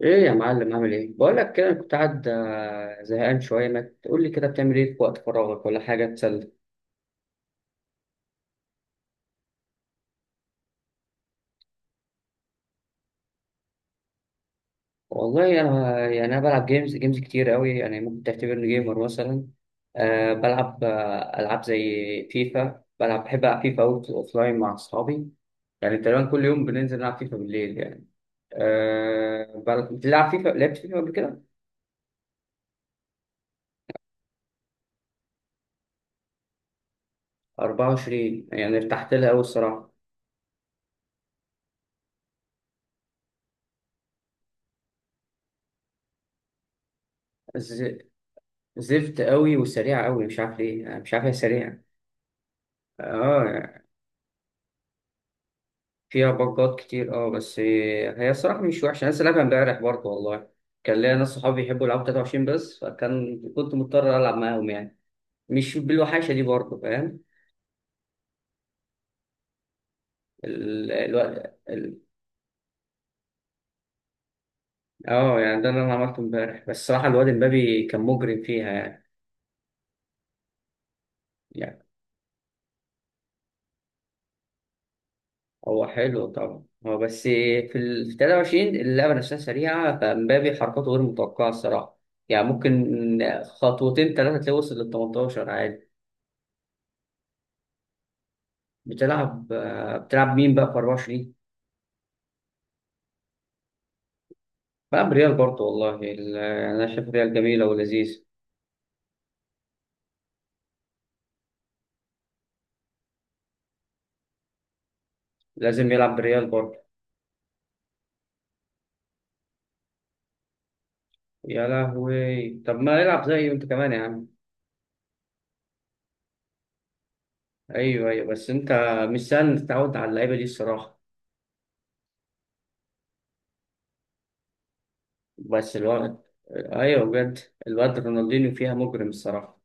ايه يا معلم، عامل ايه؟ بقول لك كده، أنا كنت قاعد زهقان شويه. ما تقول لي كده بتعمل ايه في وقت فراغك، ولا حاجه تسلى. والله انا بلعب جيمز كتير قوي، يعني ممكن تعتبرني جيمر مثلا. بلعب العاب زي فيفا. بلعب، بحب العب فيفا اوت اوف لاين مع اصحابي. يعني تقريبا كل يوم بننزل نلعب فيفا بالليل يعني. بتلعب فيفا؟ لعبت فيفا قبل كده؟ 24، يعني ارتحت لها قوي الصراحه. ز- زفت قوي وسريعه قوي، مش عارف ليه، يعني مش عارف، هي سريعه. اه، فيها بجات كتير، اه. بس هي الصراحة مش وحشة، أنا لسه لعبها امبارح برضه والله. كان ليا ناس صحابي بيحبوا يلعبوا 23 بس، فكان كنت مضطر ألعب معاهم يعني. مش بالوحشة دي برضه، فاهم؟ ال... الو... ال... اه يعني ده اللي أنا عملته امبارح. بس الصراحة الواد امبابي كان مجرم فيها يعني. يعني هو حلو طبعا، هو بس في 23 اللعبة نفسها سريعة، فامبابي حركاته غير متوقعة الصراحة. يعني ممكن خطوتين ثلاثة تلاقيه وصل لل 18 عادي. بتلعب بتلعب مين بقى في 24؟ بلعب ريال برضه والله. انا شايف ريال جميله ولذيذ. لازم يلعب ريال برضه. يا لهوي، طب ما يلعب زي انت كمان يا عم. ايوه ايوه، بس انت مش سهل تتعود على اللعيبه دي الصراحه. بس الواد، ايوه بجد، الواد رونالدينيو فيها مجرم الصراحه.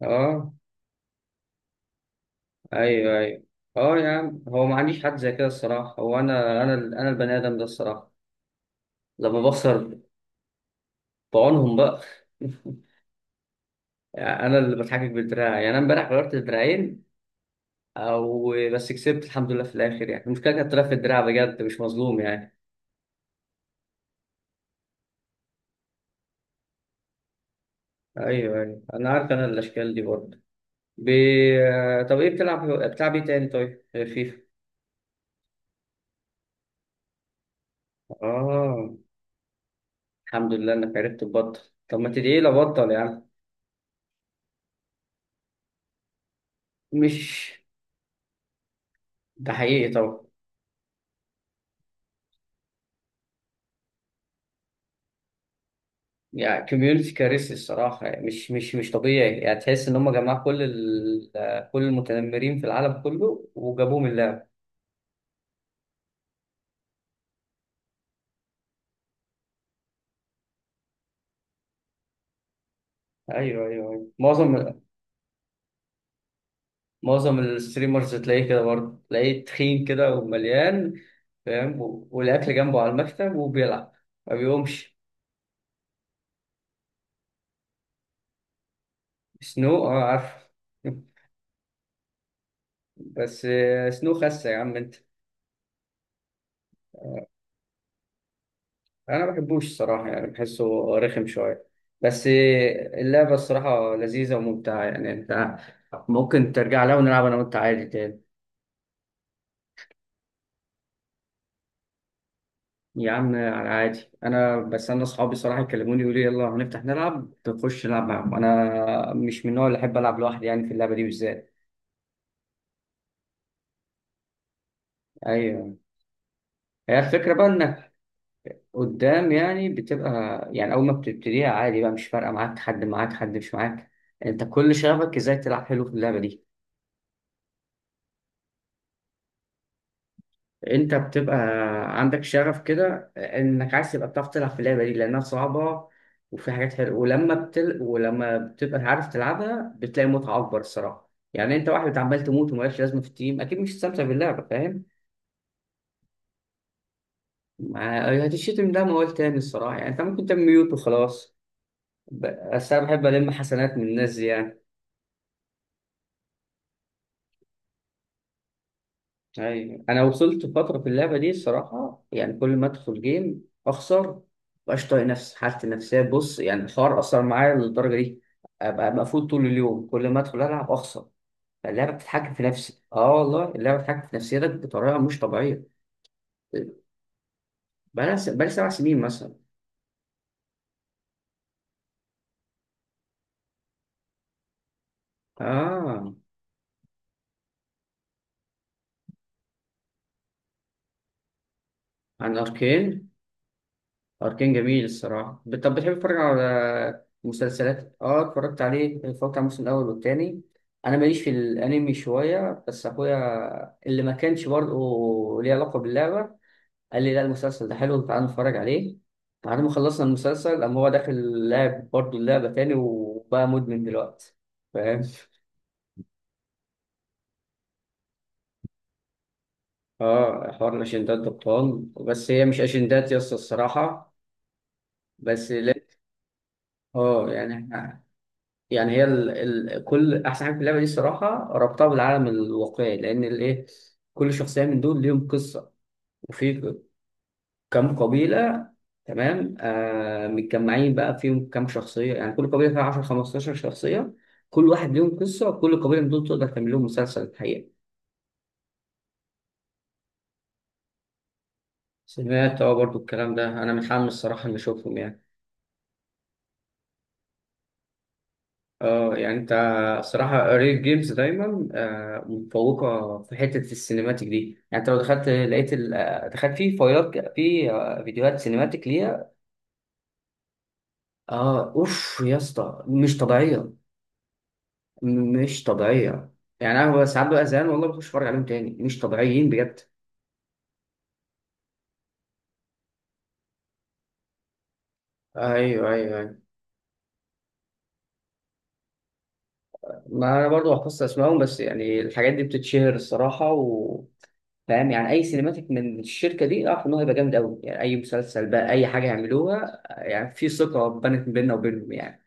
اه. ايوه ايوه. اه يا عم، هو ما عنديش حد زي كده الصراحه، هو انا البني ادم ده الصراحه لما بخسر. بعونهم بقى. انا اللي بتحجج بالدراع، يعني انا امبارح غيرت الدراعين. او بس كسبت الحمد لله في الاخر يعني. المشكله كانت طلعت في الدراع بجد، مش مظلوم يعني. ايوه ايوه، انا عارف انا الاشكال دي برضه. ب... طب ايه بتلعب؟ بتلعب ايه تاني طيب غير فيفا؟ اه، الحمد لله انك عرفت تبطل. طب ما تدعي لي ابطل يعني. مش، ده حقيقي طبعا. يعني كوميونتي كارثي الصراحه، يعني مش طبيعي. يعني تحس ان هم جمعوا كل المتنمرين في العالم كله وجابوهم اللعب. ايوه ايوه ايوه، معظم، معظم الستريمرز تلاقيه كده برضه، تلاقيه تخين كده ومليان، فاهم؟ والأكل جنبه على المكتب وبيلعب، ما بيقومش. سنو، اه عارف. بس سنو خسة يا عم انت. انا ما بحبوش الصراحة، يعني بحسه رخم شوية. بس اللعبة الصراحة لذيذة وممتعة، يعني انت ممكن ترجع لها ونلعب انا وانت عادي تاني. يا عم انا عادي، انا بس انا اصحابي صراحه يكلموني يقولوا لي يلا هنفتح نلعب، تخش نلعب معاهم. انا مش من النوع اللي احب العب لوحدي، يعني في اللعبه دي بالذات. ايوه. هي الفكره بقى انك قدام يعني بتبقى، يعني اول ما بتبتديها عادي بقى مش فارقه معاك حد معاك حد مش معاك. انت كل شغفك ازاي تلعب حلو في اللعبه دي. انت بتبقى عندك شغف كده، انك عايز تبقى بتعرف تلعب في اللعبه دي لانها صعبه وفي حاجات حلوه. ولما بتبقى عارف تلعبها بتلاقي متعه اكبر الصراحه، يعني انت واحد عمال تموت ومالكش لازمه في التيم، اكيد مش هتستمتع باللعبه، فاهم؟ هتشتم ده ما قلت تاني الصراحه، يعني انت ممكن تعمل ميوت وخلاص. بس انا بحب الم حسنات من الناس دي يعني. ايوه، انا وصلت فتره في اللعبه دي الصراحه، يعني كل ما ادخل جيم اخسر. مبقاش طايق نفسي، حالتي النفسيه، بص يعني الحوار اثر معايا للدرجه دي. ابقى مقفول طول اليوم، كل ما ادخل العب اخسر. اللعبه بتتحكم في نفسي، اه والله اللعبه بتتحكم في نفسيتك بطريقه مش طبيعيه. بقالي 7 سنين مثلا. اه. عن اركين. أركين جميل الصراحة. طب بتحب تتفرج على مسلسلات؟ اه اتفرجت عليه، اتفرجت على الموسم الأول والتاني. أنا ماليش في الأنمي شوية، بس أخويا اللي ما كانش برضه ليه علاقة باللعبة قال لي لا المسلسل ده حلو تعالى نتفرج عليه. بعد ما خلصنا المسلسل قام هو داخل لعب برضه اللعبة تاني، وبقى مدمن دلوقتي. فاهم؟ اه، حوار الأشندات ده بطال، بس هي مش أشندات يا اسطى الصراحة. بس لا. اه يعني. يعني كل احسن حاجه في اللعبه دي الصراحه ربطها بالعالم الواقعي، لان الايه، كل شخصيه من دول ليهم قصه. وفي كم قبيله، تمام، متجمعين بقى فيهم كم شخصيه، يعني كل قبيله فيها 10 15 شخصيه، كل واحد ليهم قصه. وكل قبيله من دول تقدر تعمل لهم مسلسل الحقيقه. سمعت اه برضو الكلام ده، انا متحمس الصراحه اني اشوفهم يعني. اه يعني انت، الصراحة ريل جيمز دايما متفوقة في حتة السينماتيك دي. يعني انت لو دخلت لقيت دخلت في فايلات ك- في آه، فيديوهات سينماتيك ليها. اه اوف يا اسطى مش طبيعية. مش طبيعية. يعني انا ببقى ساعات بقى زهقان والله بخش اتفرج عليهم تاني، مش طبيعيين بجد. ايوه ايوه ايوه. ما انا برضو حفظت اسمائهم، بس يعني الحاجات دي بتتشهر الصراحة. فاهم؟ يعني اي سينماتيك من الشركه دي اعرف ان هو هيبقى جامد قوي، يعني اي مسلسل بقى اي حاجه يعملوها، يعني في ثقه بنت بيننا وبينهم يعني.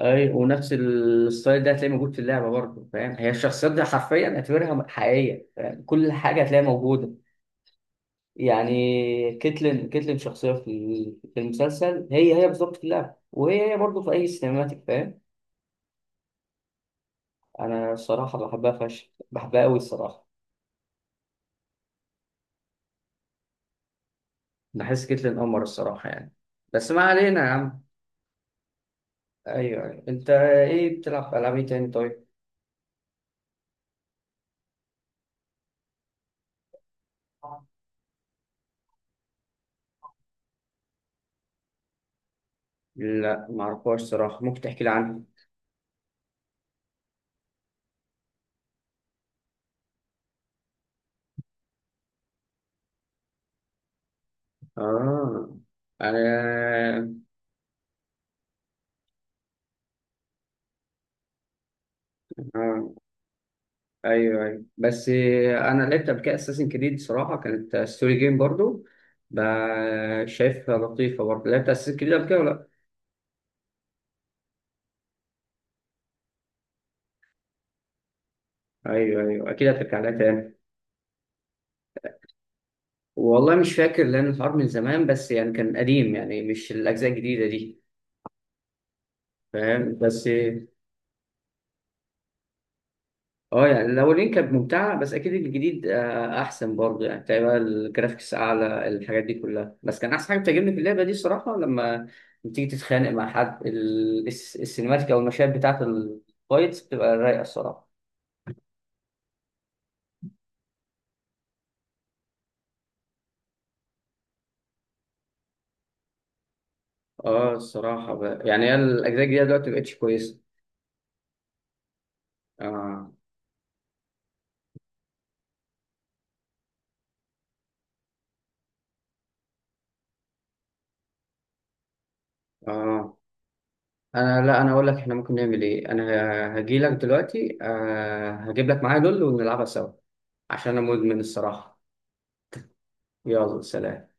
ايوه، ونفس الستايل ده هتلاقيه موجود في اللعبه برضه، فاهم؟ هي الشخصيات دي حرفيا اعتبرها حقيقيه، فاهم؟ كل حاجه هتلاقيها موجوده. يعني كيتلين شخصيه في المسلسل، هي هي بالظبط في اللعبه، وهي هي برضه في اي سينماتيك، فاهم؟ انا الصراحه بحبها فشخ، بحبها قوي الصراحه. بحس كيتلين قمر الصراحه يعني. بس ما علينا يا عم. ايوه ايوه، انت ايه بتلعب في العاب ايه تاني طيب؟ لا معرفهاش صراحة، ممكن تحكي لي عنها؟ اه، انا آه. ايوه ايوه، بس انا لعبت قبل كده اساسن كريد صراحة، كانت ستوري جيم برضو. شايفها لطيفة برضو. لعبت اساسن كريد قبل كده ولا لا؟ ايوه ايوه، اكيد هترجع لها تاني. والله مش فاكر، لان الحوار من زمان بس، يعني كان قديم يعني مش الاجزاء الجديدة دي. فاهم؟ بس اه، يعني الاولين كانت ممتعه، بس اكيد الجديد احسن برضه يعني، تقريبا الجرافيكس اعلى الحاجات دي كلها. بس كان احسن حاجه بتعجبني في اللعبه دي الصراحه لما بتيجي تتخانق مع حد، السينماتيك او المشاهد بتاعه الفايتس بتبقى رايقه الصراحه. اه الصراحه بقى، يعني هي الاجزاء الجديده دلوقتي مبقتش كويسه. اه. اه انا لا، انا اقول لك احنا ممكن نعمل ايه، انا هجي لك دلوقتي هجيب لك معايا دول ونلعبها سوا، عشان انا مدمن الصراحه. يلا سلام.